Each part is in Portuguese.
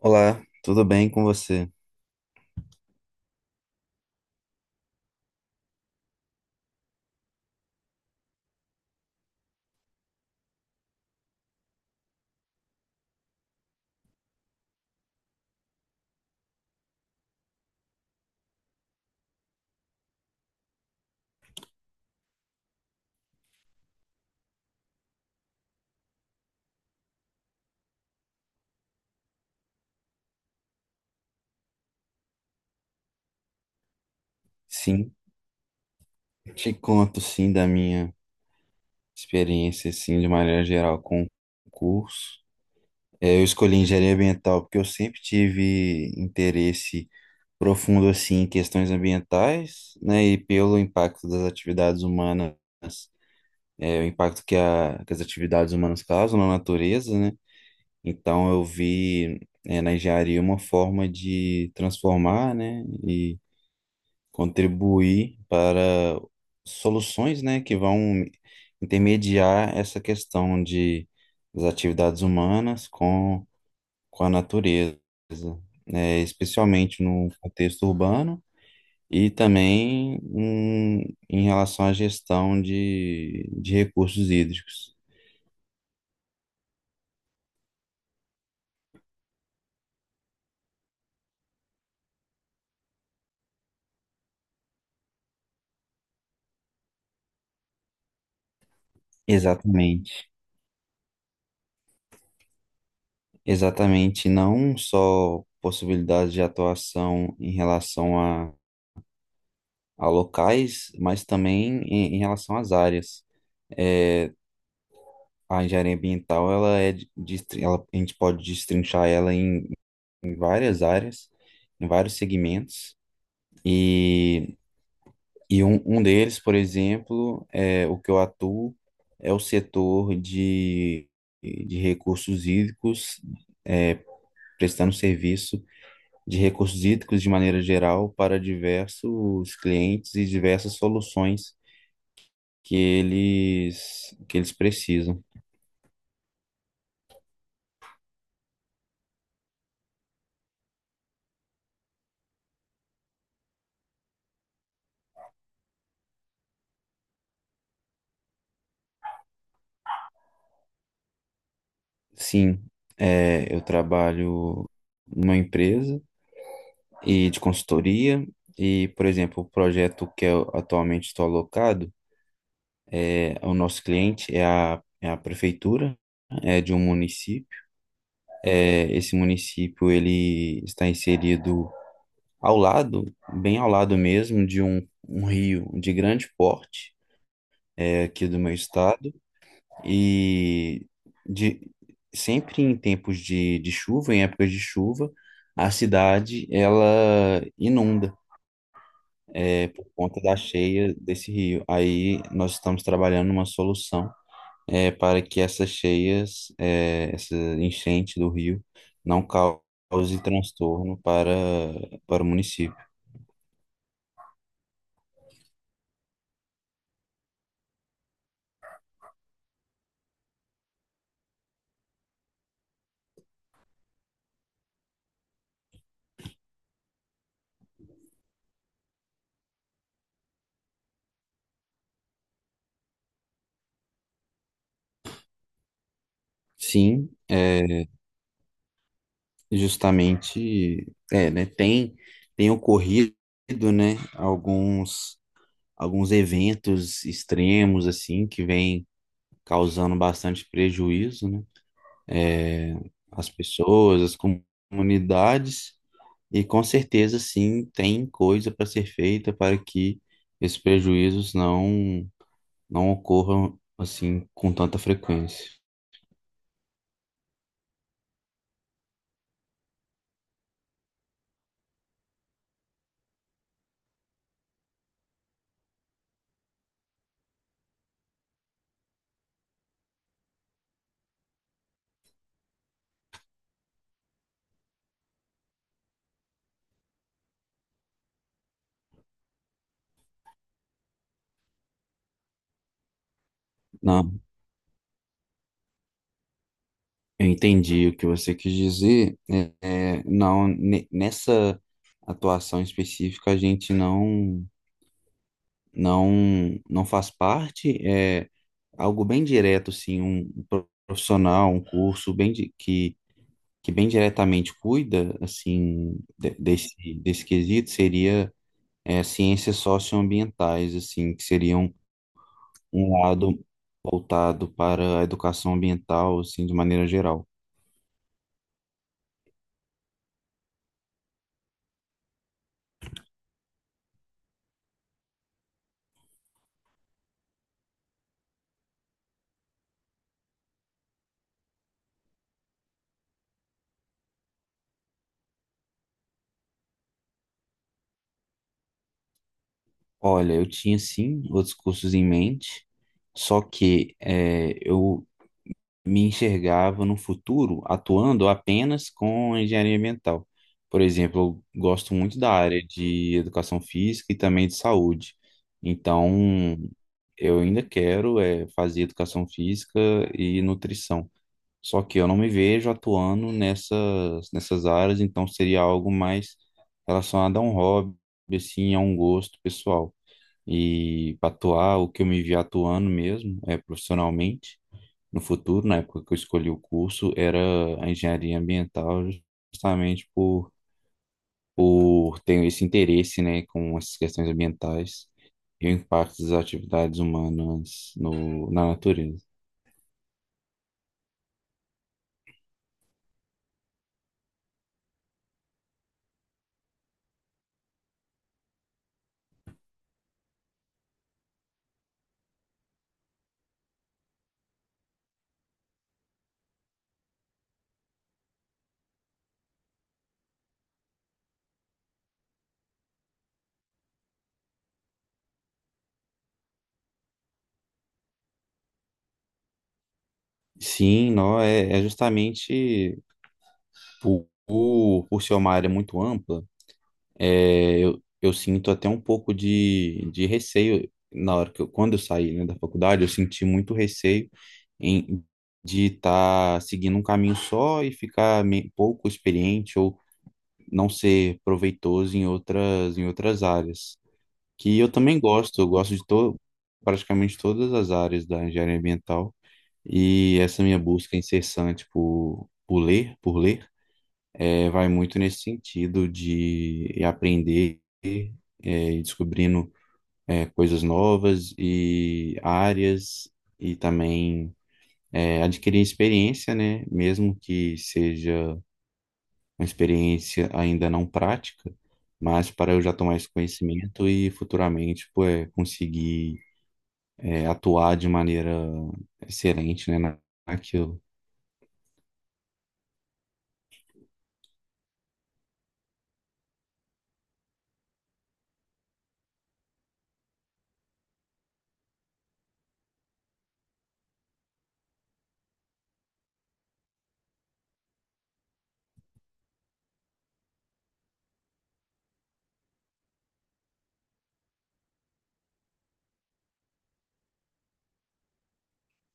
Olá, tudo bem com você? Sim, te conto sim da minha experiência, sim, de maneira geral com o curso. Eu escolhi engenharia ambiental porque eu sempre tive interesse profundo assim em questões ambientais, né, e pelo impacto das atividades humanas, o impacto que as atividades humanas causam na natureza, né? Então eu vi, na engenharia uma forma de transformar, né, e contribuir para soluções, né, que vão intermediar essa questão de das atividades humanas com a natureza, né, especialmente no contexto urbano e também em relação à gestão de recursos hídricos. Exatamente, exatamente, não só possibilidades de atuação em relação a locais, mas também em relação às áreas. É, a engenharia ambiental, ela é, de- destrin- ela, a gente pode destrinchar ela em várias áreas, em vários segmentos, e, e um deles, por exemplo, é o que eu atuo, é o setor de recursos hídricos, é, prestando serviço de recursos hídricos de maneira geral para diversos clientes e diversas soluções que eles precisam. Sim, eu trabalho numa empresa e de consultoria e, por exemplo, o projeto que eu atualmente estou alocado, o nosso cliente é a prefeitura, é de um município. É, esse município ele está inserido ao lado, bem ao lado mesmo, de um rio de grande porte, é, aqui do meu estado. E de, Sempre em tempos de chuva, em épocas de chuva, a cidade ela inunda por conta da cheia desse rio. Aí nós estamos trabalhando uma solução para que essas cheias, essa enchente do rio, não cause transtorno para o município. Sim, né, tem, tem ocorrido né, alguns eventos extremos, assim, que vem causando bastante prejuízo, né? É, As pessoas, as comunidades, e com certeza, sim, tem coisa para ser feita para que esses prejuízos não ocorram, assim, com tanta frequência. Não, eu entendi o que você quis dizer. Não, nessa atuação específica, a gente não. não não faz parte, é algo bem direto, assim, um profissional, um curso que bem diretamente cuida, assim, desse quesito, seria ciências socioambientais, assim, que seriam um lado voltado para a educação ambiental, assim, de maneira geral. Olha, eu tinha, sim, outros cursos em mente, só que eu me enxergava no futuro atuando apenas com engenharia ambiental. Por exemplo, eu gosto muito da área de educação física e também de saúde. Então, eu ainda quero fazer educação física e nutrição. Só que eu não me vejo atuando nessas áreas, então seria algo mais relacionado a um hobby, assim, a um gosto pessoal. E para atuar, o que eu me vi atuando mesmo é profissionalmente no futuro, na época que eu escolhi o curso, era a engenharia ambiental, justamente por ter esse interesse, né, com essas questões ambientais e o impacto das atividades humanas na natureza. Sim, não, é justamente por ser uma área muito ampla, eu sinto até um pouco de receio na hora quando eu saí, né, da faculdade, eu senti muito receio em- de estar seguindo um caminho só e ficar pouco experiente ou não ser proveitoso em em outras áreas. Que eu também gosto, eu gosto de to, praticamente todas as áreas da engenharia ambiental e essa minha busca incessante por ler, vai muito nesse sentido de aprender, e descobrindo, coisas novas e áreas e também adquirir experiência, né? Mesmo que seja uma experiência ainda não prática, mas para eu já tomar esse conhecimento e futuramente, pô, conseguir atuar de maneira excelente, né, naquilo.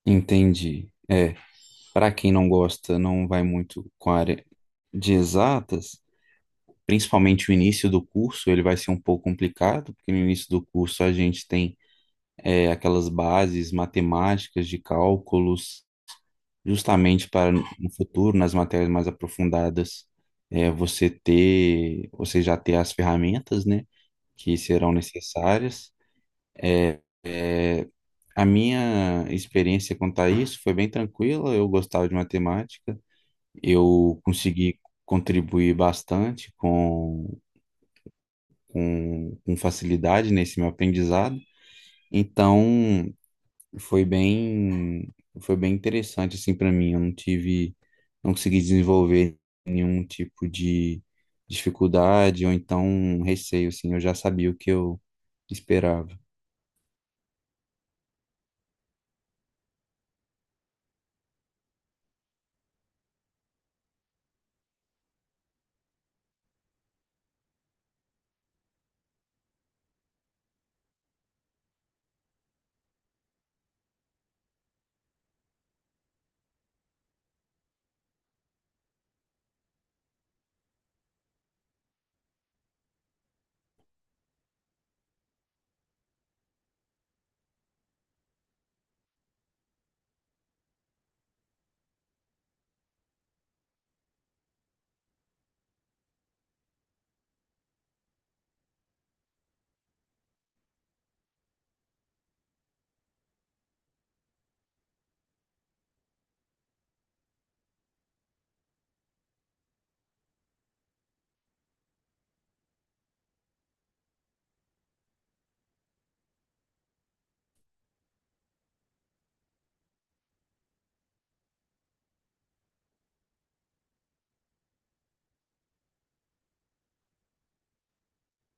Entendi. É, para quem não gosta, não vai muito com a área de exatas, principalmente o início do curso, ele vai ser um pouco complicado, porque no início do curso a gente tem aquelas bases matemáticas de cálculos justamente para no futuro, nas matérias mais aprofundadas, você ter, você já ter as ferramentas, né, que serão necessárias. É, a minha experiência quanto a isso foi bem tranquila, eu gostava de matemática, eu consegui contribuir bastante com facilidade nesse meu aprendizado. Então, foi bem, foi bem interessante assim para mim. Eu não tive, não consegui desenvolver nenhum tipo de dificuldade ou então um receio assim. Eu já sabia o que eu esperava.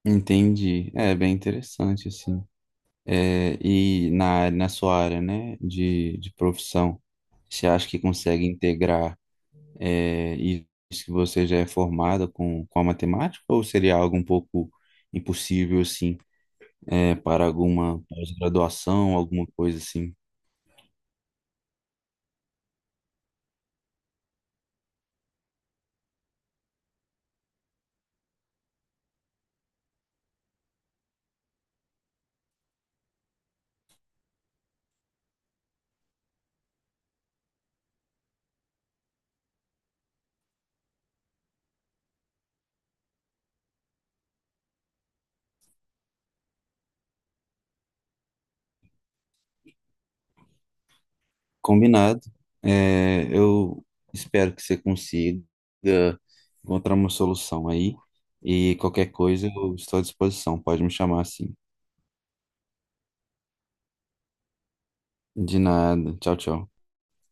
Entendi. É bem interessante assim. É, e na sua área, né, de profissão, você acha que consegue integrar isso que você já é formado com a matemática ou seria algo um pouco impossível assim? É, para alguma pós-graduação, alguma coisa assim. Combinado. É, eu espero que você consiga encontrar uma solução aí. E qualquer coisa, eu estou à disposição. Pode me chamar assim. De nada. Tchau, tchau.